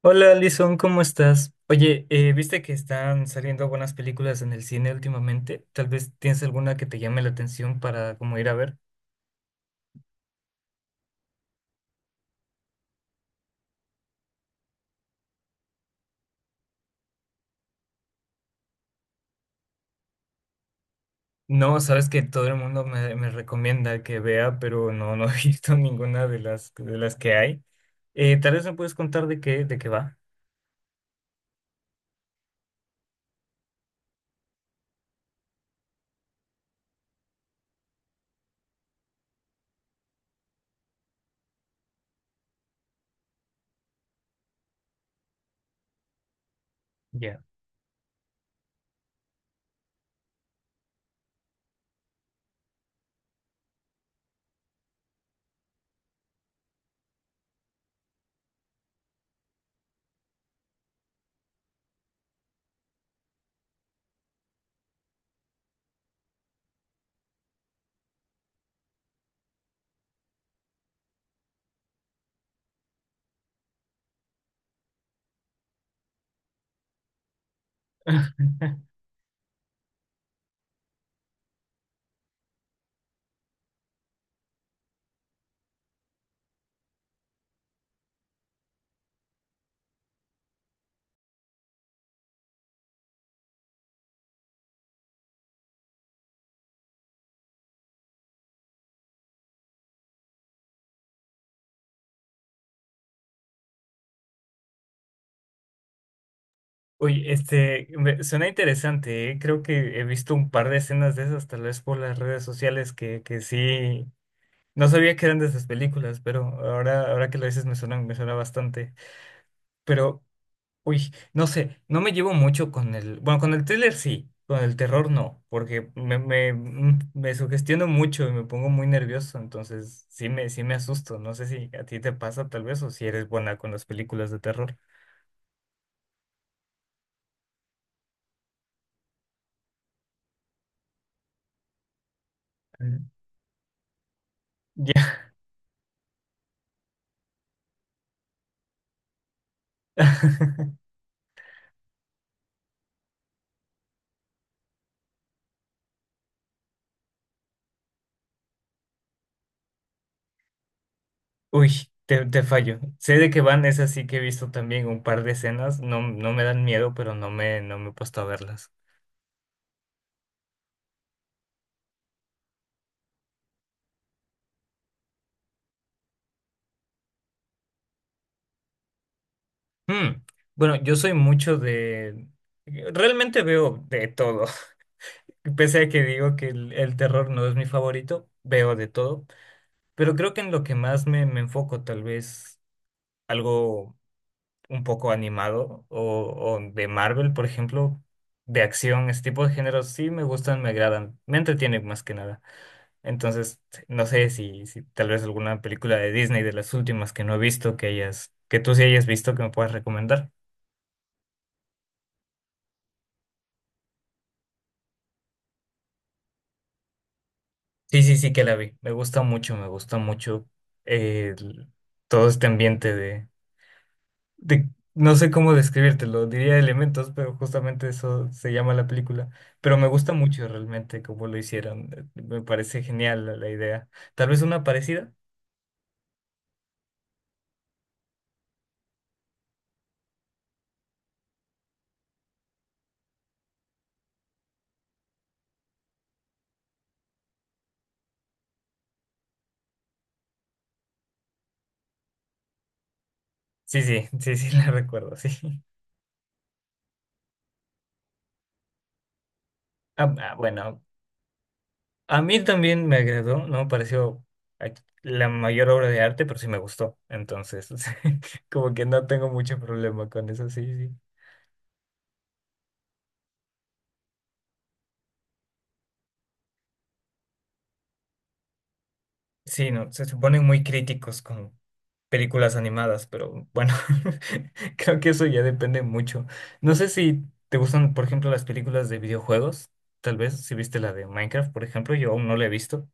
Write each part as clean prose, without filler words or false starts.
Hola, Alison, ¿cómo estás? Oye, ¿viste que están saliendo buenas películas en el cine últimamente? Tal vez tienes alguna que te llame la atención para como ir a ver. No, sabes que todo el mundo me recomienda que vea, pero no, no he visto ninguna de las que hay. Tal vez me puedes contar de qué va. Ya. Oye, suena interesante, ¿eh? Creo que he visto un par de escenas de esas, tal vez por las redes sociales, que sí. No sabía que eran de esas películas, pero ahora que lo dices me suena bastante. Pero, uy, no sé, no me llevo mucho con el... Bueno, con el thriller sí, con el terror no, porque me sugestiono mucho y me pongo muy nervioso, entonces sí sí me asusto. No sé si a ti te pasa tal vez o si eres buena con las películas de terror. Mm. Ya. Uy, te fallo. Sé de que van, es así que he visto también un par de escenas, no, no me dan miedo, pero no no me he puesto a verlas. Mm, bueno, yo soy mucho de... Realmente veo de todo. Pese a que digo que el terror no es mi favorito, veo de todo. Pero creo que en lo que más me enfoco, tal vez algo un poco animado o de Marvel, por ejemplo, de acción, ese tipo de géneros sí me gustan, me agradan, me entretienen más que nada. Entonces, no sé si tal vez alguna película de Disney de las últimas que no he visto, que hayas, que tú sí hayas visto, que me puedas recomendar. Sí, sí, sí que la vi. Me gusta mucho, me gusta mucho, eh, el- todo este ambiente de, no sé cómo describírtelo, diría elementos, pero justamente eso se llama la película. Pero me gusta mucho realmente cómo lo hicieron. Me parece genial la idea. Tal vez una parecida. Sí, sí, sí, sí, la recuerdo, sí. Ah, ah, bueno, a mí también me agradó, no me pareció eh, la mayor obra de arte, pero sí me gustó. Entonces, como que no tengo mucho problema con eso, sí, sí. Sí, no, se suponen muy críticos con películas animadas, pero bueno, creo que eso ya depende mucho. No sé si te gustan, por ejemplo, las películas de videojuegos, tal vez, si viste la de Minecraft, por ejemplo, yo aún no la he visto.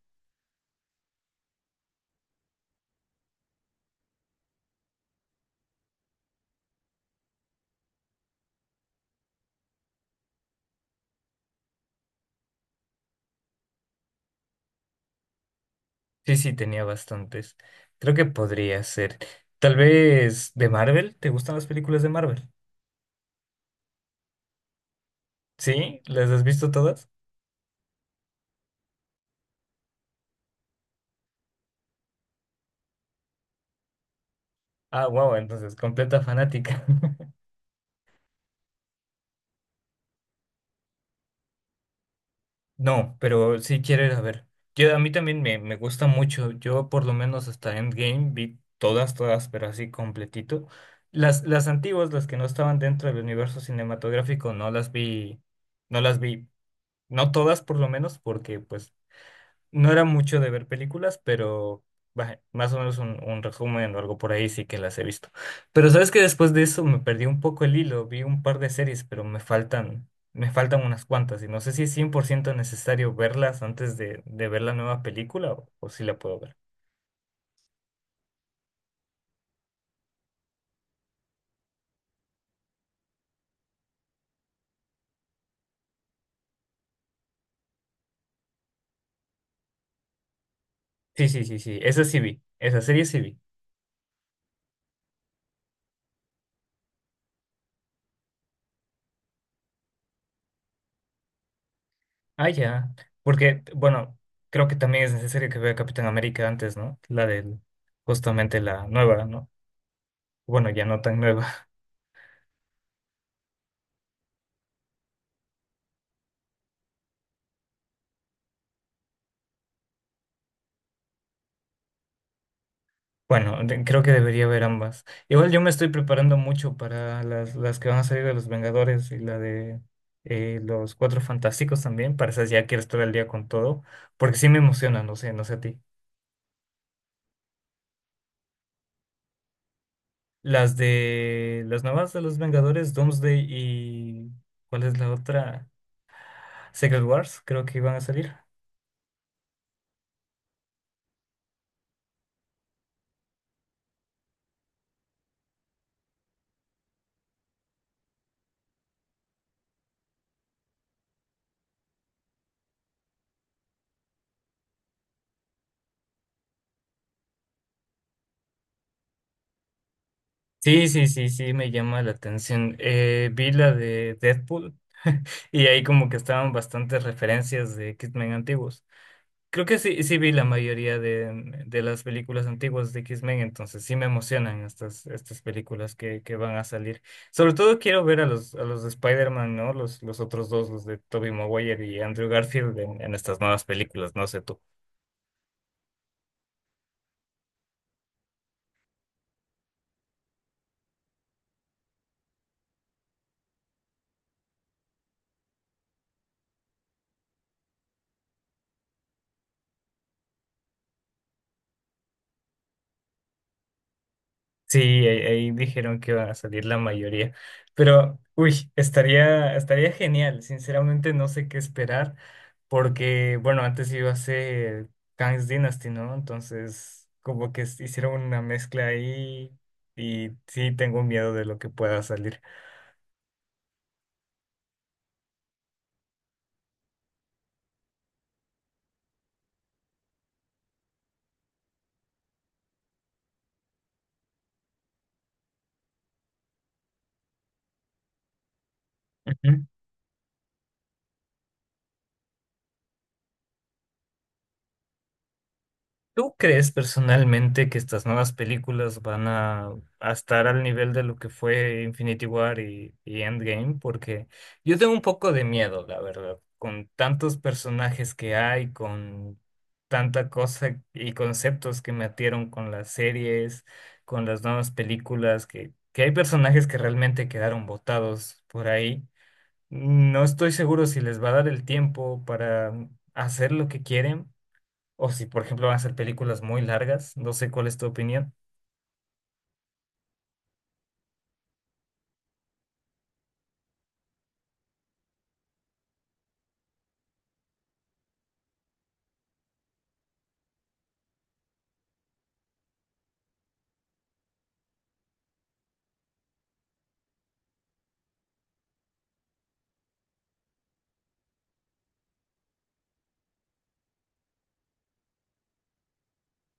Sí, sí, tenía bastantes. Creo que podría ser. Tal vez de Marvel, ¿te gustan las películas de Marvel? ¿Sí? ¿Las has visto todas? Ah, wow, entonces, completa fanática. No, pero sí quiero ir a ver. Yo, a mí también me gusta mucho. Yo por lo menos hasta Endgame vi todas, todas, pero así completito. Las antiguas, las que no estaban dentro del universo cinematográfico, no las vi, no las vi, no todas por lo menos, porque pues no era mucho de ver películas, pero bah, más o menos un resumen o algo por ahí sí que las he visto. Pero sabes que después de eso me perdí un poco el hilo, vi un par de series, pero me faltan unas cuantas y no sé si es 100% necesario verlas antes de ver la nueva película o si la puedo ver. Sí, sí, sí, sí, esa sí vi, esa serie sí vi. Ah, ya, porque, bueno, creo que también es necesario que vea Capitán América antes, ¿no? Justamente la nueva, ¿no? Bueno, ya no tan nueva. Bueno, creo que debería haber ambas. Igual yo me estoy preparando mucho para las que van a salir de los Vengadores y la de los Cuatro Fantásticos también. Para esas ya quiero estar al día con todo, porque sí me emocionan, no sé, no sé a ti. Las de las nuevas de los Vengadores, Doomsday y ¿cuál es la otra? Secret Wars, creo que iban a salir. Sí, sí, sí, sí, me llama la atención. Vi la de Deadpool y ahí como que estaban bastantes referencias de Kidman antiguos. Creo que sí, sí vi la mayoría de las películas antiguas de X-Men, entonces sí me emocionan estas, estas películas que van a salir. Sobre todo quiero ver a los de Spider-Man, ¿no? Los otros dos, los de Tobey Maguire y Andrew Garfield en estas nuevas películas, no sé tú. Sí, ahí, ahí dijeron que van a salir la mayoría, pero uy, estaría, estaría genial. Sinceramente no sé qué esperar. Porque, bueno, antes iba a ser Kang's Dynasty, ¿no? Entonces, como que hicieron una mezcla ahí y sí tengo miedo de lo que pueda salir. ¿Tú crees personalmente que estas nuevas películas van a estar al nivel de lo que fue Infinity War y Endgame? Porque yo tengo un poco de miedo, la verdad, con tantos personajes que hay, con tanta cosa y conceptos que metieron con las series, con las nuevas películas, que hay personajes que realmente quedaron botados por ahí. No estoy seguro si les va a dar el tiempo para hacer lo que quieren o si, por ejemplo, van a ser películas muy largas, no sé cuál es tu opinión.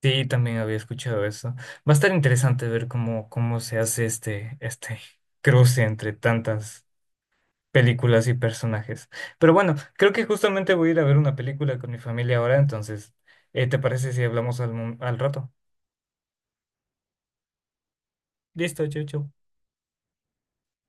Sí, también había escuchado eso. Va a estar interesante ver cómo, cómo se hace este cruce entre tantas películas y personajes. Pero bueno, creo que justamente voy a ir a ver una película con mi familia ahora, entonces, ¿te parece si hablamos al rato? Listo, chau, chau.